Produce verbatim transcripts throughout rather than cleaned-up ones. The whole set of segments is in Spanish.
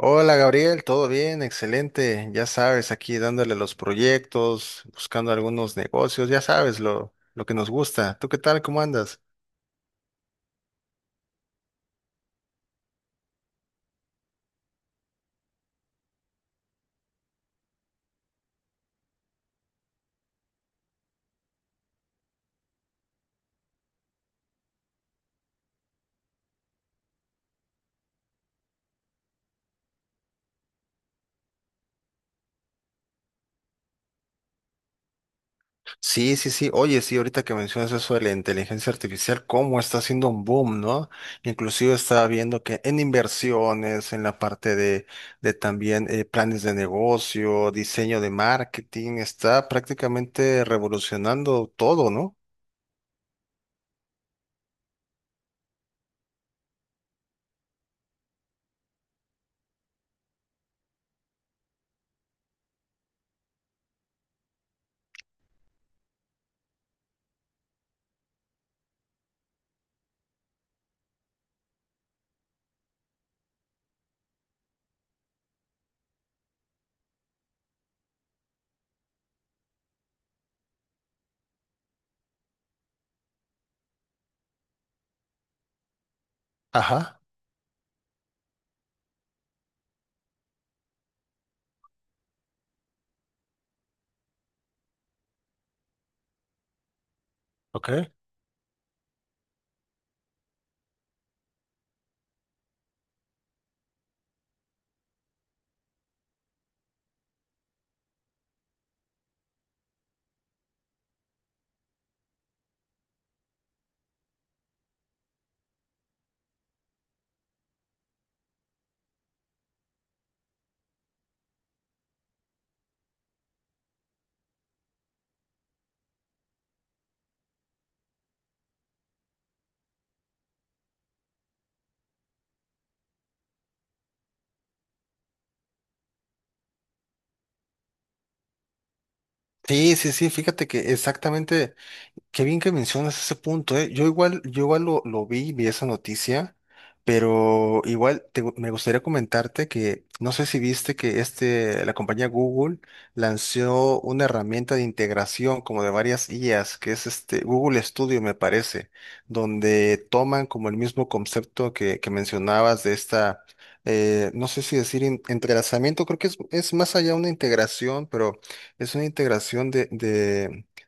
Hola Gabriel, ¿todo bien? Excelente. Ya sabes, aquí dándole los proyectos, buscando algunos negocios, ya sabes lo, lo que nos gusta. ¿Tú qué tal? ¿Cómo andas? Sí, sí, sí. Oye, sí, ahorita que mencionas eso de la inteligencia artificial, cómo está haciendo un boom, ¿no? Inclusive estaba viendo que en inversiones, en la parte de, de también eh, planes de negocio, diseño de marketing, está prácticamente revolucionando todo, ¿no? Ajá. Ok. Sí, sí, sí, fíjate que exactamente Qué bien que mencionas ese punto, ¿eh? Yo igual, yo igual lo, lo vi, vi esa noticia, pero igual te gu- me gustaría comentarte que no sé si viste que este, la compañía Google lanzó una herramienta de integración como de varias I As, que es este Google Studio, me parece, donde toman como el mismo concepto que, que mencionabas de esta, eh, no sé si decir en- entrelazamiento, creo que es, es más allá una integración, pero es una integración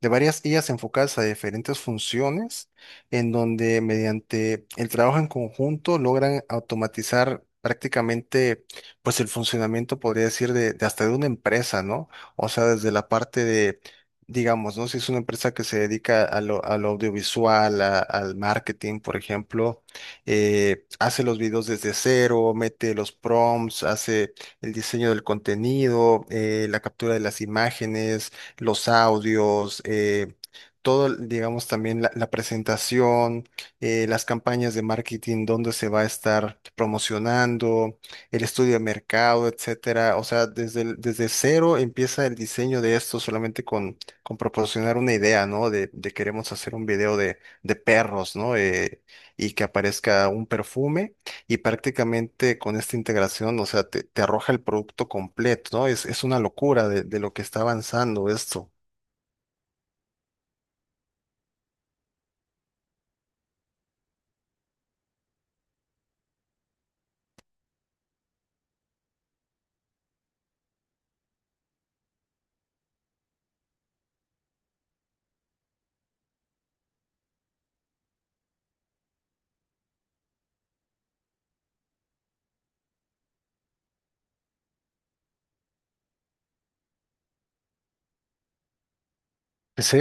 de varias I As enfocadas a diferentes funciones, en donde mediante el trabajo en conjunto logran automatizar prácticamente pues el funcionamiento, podría decir, de, de hasta de una empresa, ¿no? O sea, desde la parte de, digamos, ¿no? Si es una empresa que se dedica a lo, a lo audiovisual, a- al marketing, por ejemplo, eh, hace los videos desde cero, mete los prompts, hace el diseño del contenido, eh, la captura de las imágenes, los audios, eh, todo, digamos, también la, la presentación, eh, las campañas de marketing, dónde se va a estar promocionando, el estudio de mercado, etcétera. O sea, desde, el- desde cero empieza el diseño de esto solamente con, con proporcionar una idea, ¿no? De, de queremos hacer un video de, de perros, ¿no? Eh, y que aparezca un perfume, y prácticamente con esta integración, o sea, te, te arroja el producto completo, ¿no? Es, es una locura de, de lo que está avanzando esto. Sí,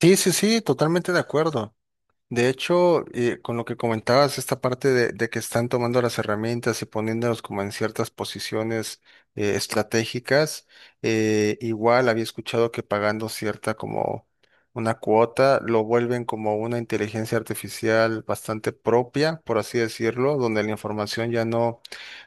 sí, sí, sí, totalmente de acuerdo. De hecho, eh, con lo que comentabas, esta parte de, de que están tomando las herramientas y poniéndolas como en ciertas posiciones eh, estratégicas, eh, igual había escuchado que pagando cierta como una cuota, lo vuelven como una inteligencia artificial bastante propia, por así decirlo, donde la información ya no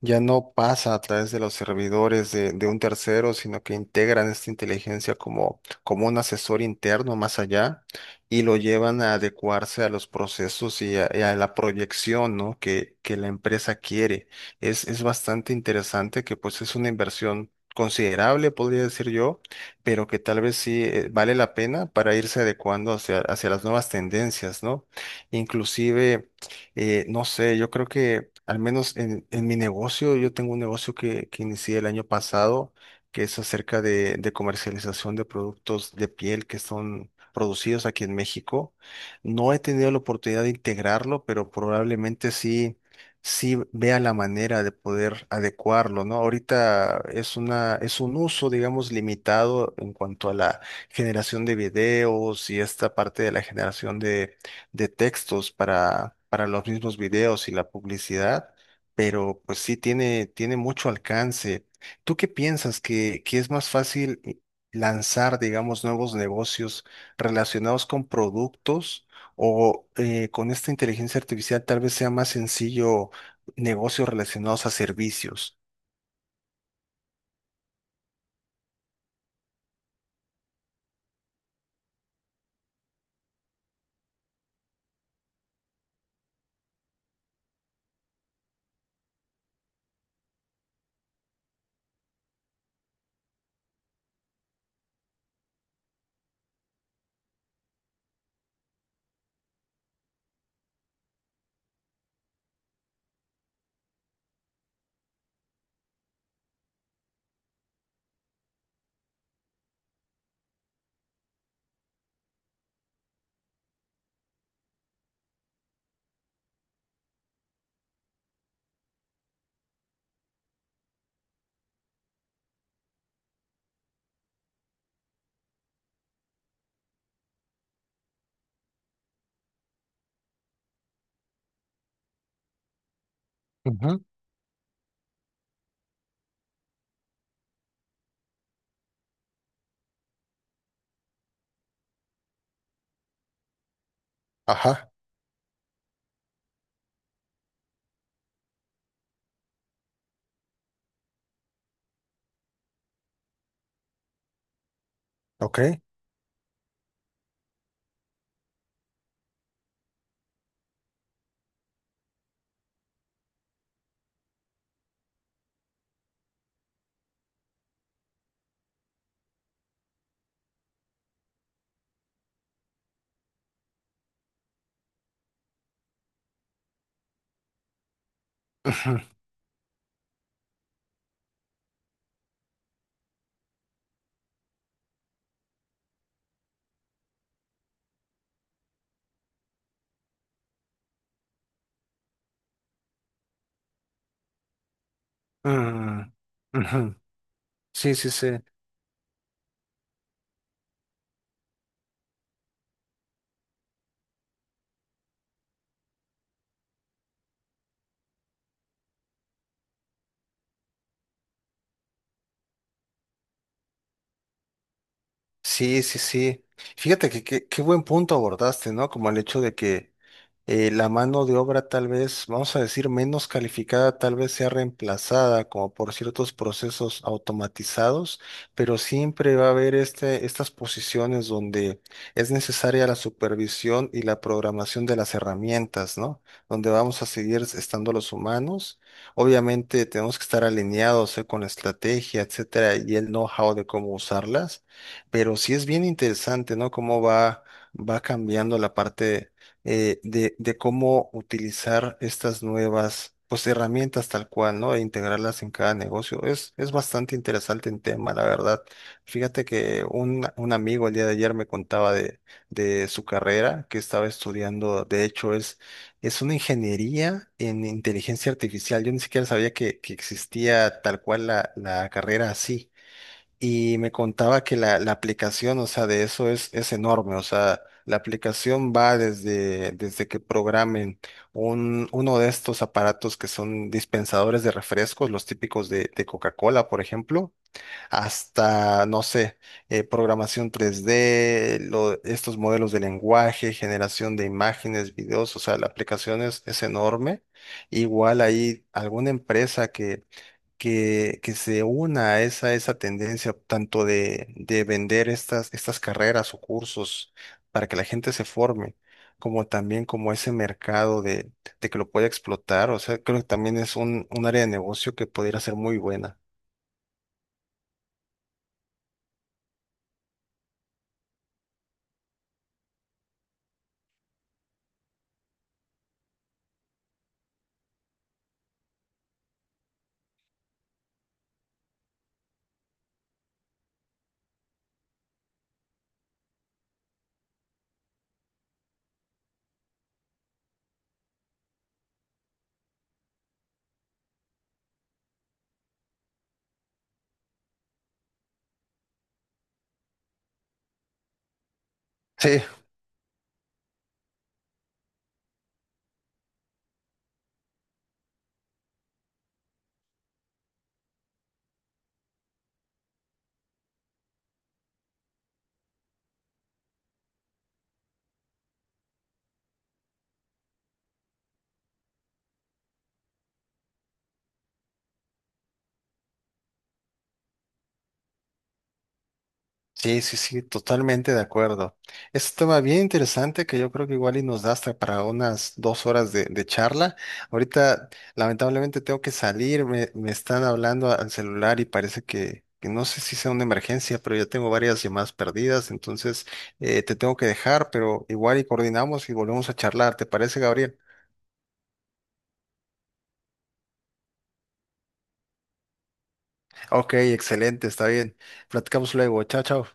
ya no pasa a través de los servidores de, de un tercero, sino que integran esta inteligencia como, como un asesor interno más allá, y lo llevan a adecuarse a los procesos y a, y a la proyección, ¿no? que, que la empresa quiere. Es, es bastante interesante que pues es una inversión considerable, podría decir yo, pero que tal vez sí, eh, vale la pena para irse adecuando hacia, hacia las nuevas tendencias, ¿no? Inclusive... Eh, no sé, yo creo que al menos en, en mi negocio, yo tengo un negocio que, que inicié el año pasado, que es acerca de, de comercialización de productos de piel que son producidos aquí en México. No he tenido la oportunidad de integrarlo, pero probablemente sí, sí vea la manera de poder adecuarlo, ¿no? Ahorita es una, es un uso, digamos, limitado en cuanto a la generación de videos y esta parte de la generación de de textos para, para los mismos videos y la publicidad, pero pues sí tiene, tiene mucho alcance. ¿Tú qué piensas que, que es más fácil i- lanzar, digamos, nuevos negocios relacionados con productos o eh, con esta inteligencia artificial tal vez sea más sencillo negocios relacionados a servicios? Ujú, ajá, ok. Ujú, mm, ujú. Sí, sí, sí. Sí, sí, sí. Fíjate que que- qué buen punto abordaste, ¿no? Como el hecho de que eh, la mano de obra tal vez, vamos a decir, menos calificada, tal vez sea reemplazada como por ciertos procesos automatizados, pero siempre va a haber este, estas posiciones donde es necesaria la supervisión y la programación de las herramientas, ¿no? Donde vamos a seguir estando los humanos. Obviamente tenemos que estar alineados, eh, con la estrategia, etcétera, y el know-how de cómo usarlas, pero sí es bien interesante, ¿no? Cómo va, va cambiando la parte eh, de, de cómo utilizar estas nuevas, pues, herramientas tal cual, ¿no? E integrarlas en cada negocio. Es, es bastante interesante el tema, la verdad. Fíjate que un, un amigo el día de ayer me contaba de, de su carrera que estaba estudiando, de hecho, es, es una ingeniería en inteligencia artificial. Yo ni siquiera sabía que, que existía tal cual la, la carrera así. Y me contaba que la, la aplicación, o sea, de eso es, es enorme. O sea, la aplicación va desde, desde que programen un, uno de estos aparatos que son dispensadores de refrescos, los típicos de, de Coca-Cola, por ejemplo, hasta, no sé, eh, programación tres D, lo- estos modelos de lenguaje, generación de imágenes, videos. O sea, la aplicación es, es enorme. Igual hay alguna empresa que que, que se una a esa, esa tendencia tanto de, de vender estas, estas carreras o cursos para que la gente se forme, como también como ese mercado de, de que lo pueda explotar. O sea, creo que también es un, un área de negocio que pudiera ser muy buena. Sí. Sí, sí, sí, totalmente de acuerdo. Es un tema bien interesante que yo creo que igual y nos da hasta para unas dos horas de, de charla. Ahorita, lamentablemente, tengo que salir, me, me están hablando al celular y parece que, que no sé si sea una emergencia, pero yo tengo varias llamadas perdidas, entonces eh, te tengo que dejar, pero igual y coordinamos y volvemos a charlar. ¿Te parece, Gabriel? Ok, excelente, está bien. Platicamos luego. Chao, chao.